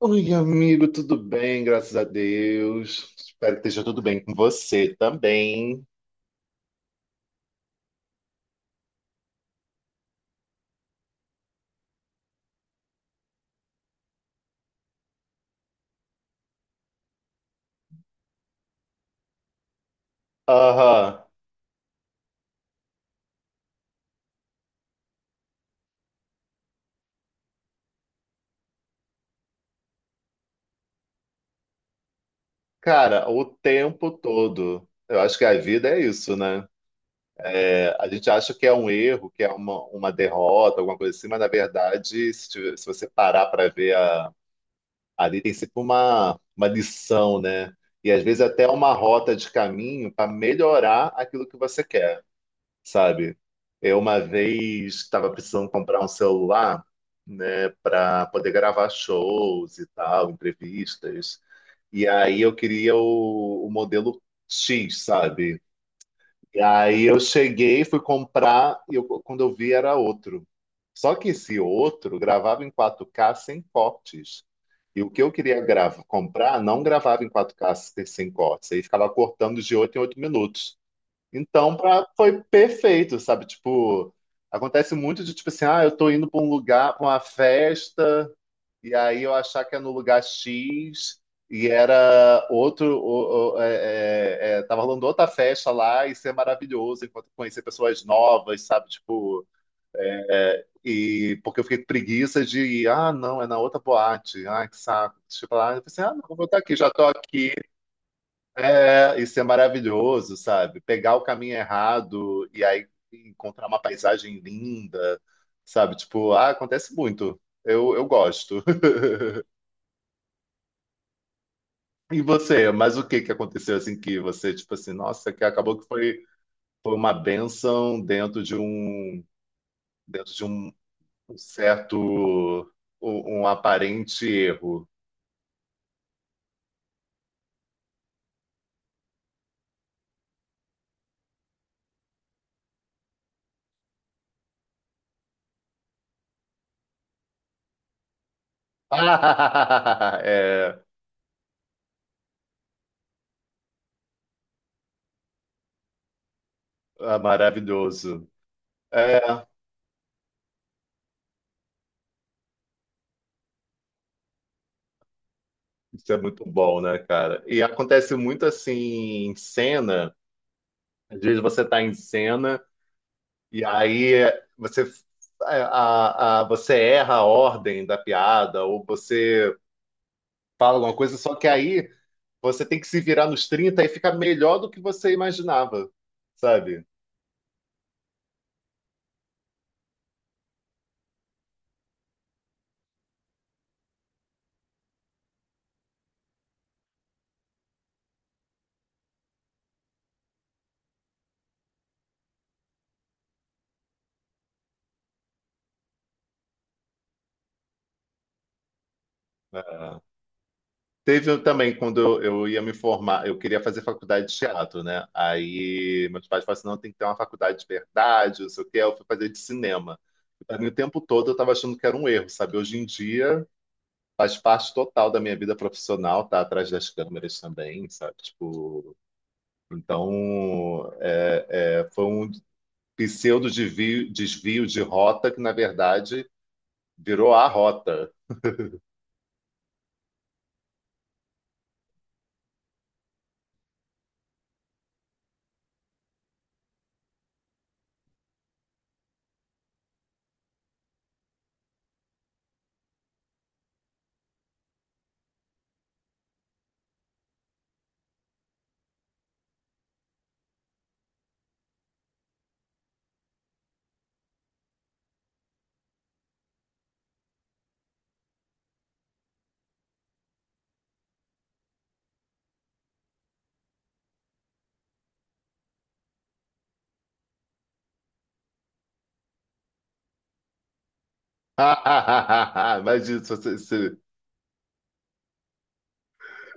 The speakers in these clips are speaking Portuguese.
Oi, amigo, tudo bem? Graças a Deus. Espero que esteja tudo bem com você também. Aham. Cara, o tempo todo. Eu acho que a vida é isso, né? É, a gente acha que é um erro, que é uma derrota, alguma coisa assim, mas na verdade, se você parar para ver, ali tem sempre uma lição, né? E às vezes até uma rota de caminho para melhorar aquilo que você quer, sabe? Eu uma vez estava precisando comprar um celular, né, para poder gravar shows e tal, entrevistas. E aí eu queria o modelo X, sabe? E aí eu cheguei, fui comprar e quando eu vi era outro. Só que esse outro gravava em 4K sem cortes. E o que eu queria gravar, comprar não gravava em 4K sem cortes. Aí ficava cortando de 8 em 8 minutos. Então, foi perfeito, sabe? Tipo, acontece muito de tipo assim, ah, eu tô indo pra um lugar, pra uma festa, e aí eu achar que é no lugar X, e era outro, tava rolando outra festa lá, e ser maravilhoso, enquanto conhecer pessoas novas, sabe? Tipo, é, e porque eu fiquei com preguiça de ir, ah, não, é na outra boate, ah, que saco. Tipo, lá, eu pensei, ah, não, vou estar aqui, já tô aqui. É, isso é maravilhoso, sabe? Pegar o caminho errado e aí encontrar uma paisagem linda, sabe? Tipo, ah, acontece muito. Eu gosto. E você, mas o que que aconteceu assim que você, tipo assim, nossa, que acabou que foi uma bênção dentro de um um certo um aparente erro. Ah, é maravilhoso. É, isso é muito bom, né, cara? E acontece muito assim em cena. Às vezes você tá em cena e aí você, você erra a ordem da piada ou você fala alguma coisa, só que aí você tem que se virar nos 30 e fica melhor do que você imaginava, sabe? É. Teve um também quando eu ia me formar, eu queria fazer faculdade de teatro, né? Aí meus pais falaram assim, não, tem que ter uma faculdade de verdade, não sei o quê. Eu fui fazer de cinema. Pra mim, o tempo todo eu estava achando que era um erro, sabe? Hoje em dia faz parte total da minha vida profissional, tá atrás das câmeras também, sabe? Tipo, então foi um pseudo desvio de rota que, na verdade, virou a rota. Imagina se, você- se,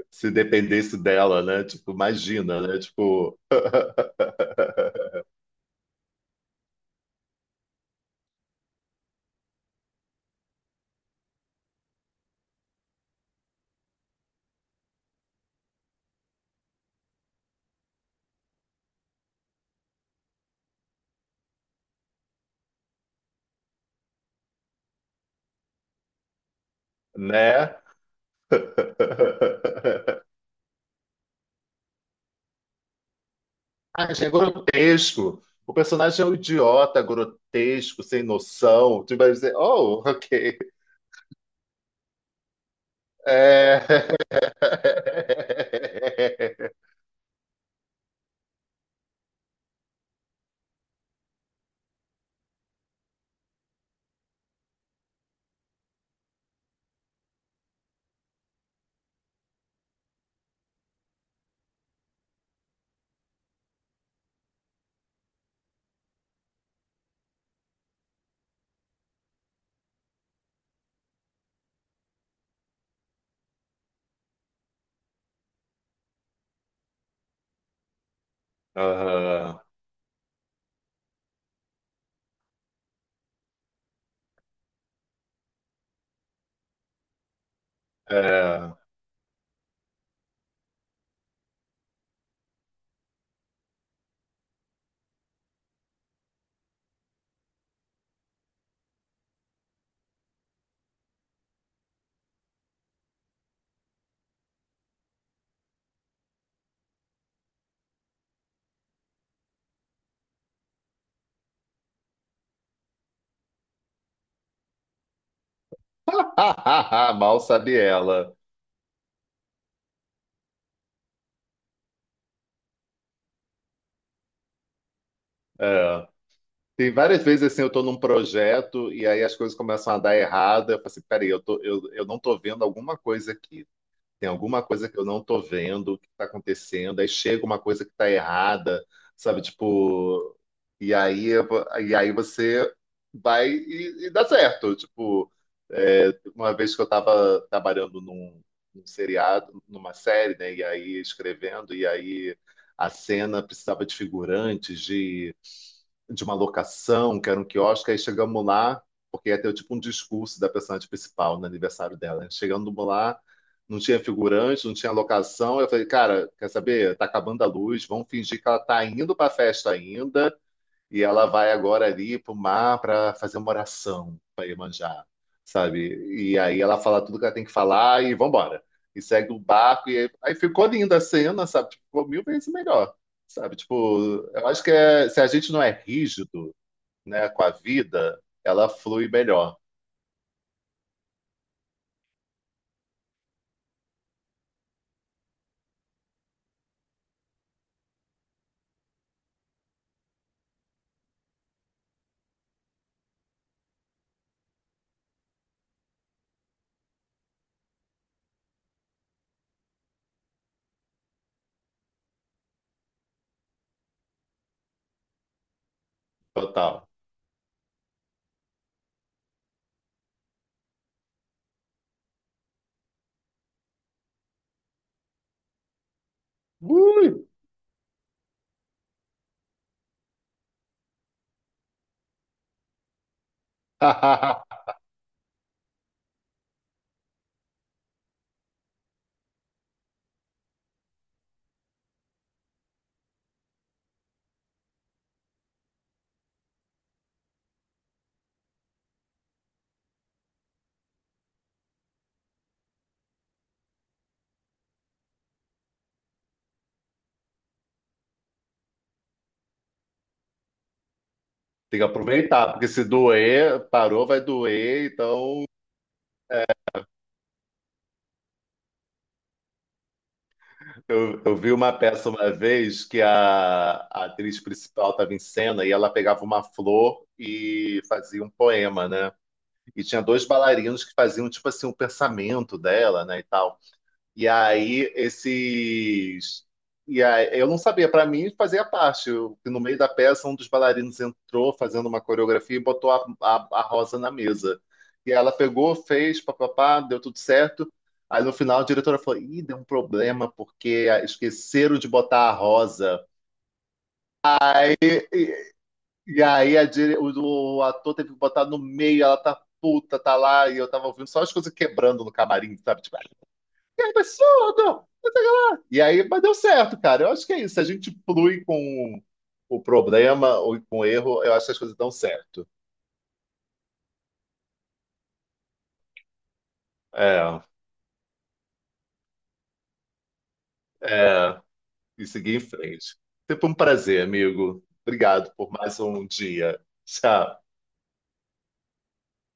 se dependesse dela, né? Tipo, imagina, né? Tipo, né? Ah, é grotesco. O personagem é um idiota, grotesco, sem noção. Tu vai dizer, oh, ok. É. Aham, é. Mal sabe ela. É. Tem várias vezes assim, eu tô num projeto e aí as coisas começam a dar errado. Eu falo assim, peraí, eu não tô vendo alguma coisa aqui. Tem alguma coisa que eu não tô vendo, que tá acontecendo, aí chega uma coisa que tá errada, sabe? Tipo, e aí, e aí, você vai e dá certo. Tipo, uma vez que eu tava trabalhando num seriado, numa série, né? E aí escrevendo, e aí a cena precisava de figurantes, de uma locação, que era um quiosque, aí chegamos lá, porque ia ter tipo um discurso da personagem principal no aniversário dela, né? Chegando lá, não tinha figurante, não tinha locação. Eu falei, cara, quer saber? Tá acabando a luz, vamos fingir que ela tá indo pra festa ainda. E ela vai agora ali pro mar para fazer uma oração para Iemanjá, sabe? E aí ela fala tudo que ela tem que falar e vambora. E segue o barco. E aí, ficou linda a cena, sabe? Tipo, ficou mil vezes melhor, sabe? Tipo, eu acho que se a gente não é rígido, né, com a vida, ela flui melhor. Total. Ui! Tem que aproveitar, porque se doer, parou, vai doer, então. Eu vi uma peça uma vez que a atriz principal estava em cena e ela pegava uma flor e fazia um poema, né? E tinha dois bailarinos que faziam, tipo assim, o pensamento dela, né, e tal. E aí, esses. E aí, eu não sabia, para mim fazia parte. No meio da peça, um dos bailarinos entrou fazendo uma coreografia e botou a Rosa na mesa. E ela pegou, fez, papapá, deu tudo certo. Aí no final a diretora falou: Ih, deu um problema, porque esqueceram de botar a Rosa. E aí o ator teve que botar no meio, ela tá puta, tá lá, e eu tava ouvindo só as coisas quebrando no camarim, sabe? Tipo, que absurdo! Não sei o que lá. E aí, mas deu certo, cara. Eu acho que é isso. Se a gente flui com o problema ou com o erro, eu acho que as coisas dão certo. É, é, e seguir em frente. Sempre um prazer, amigo. Obrigado por mais um dia. Tchau.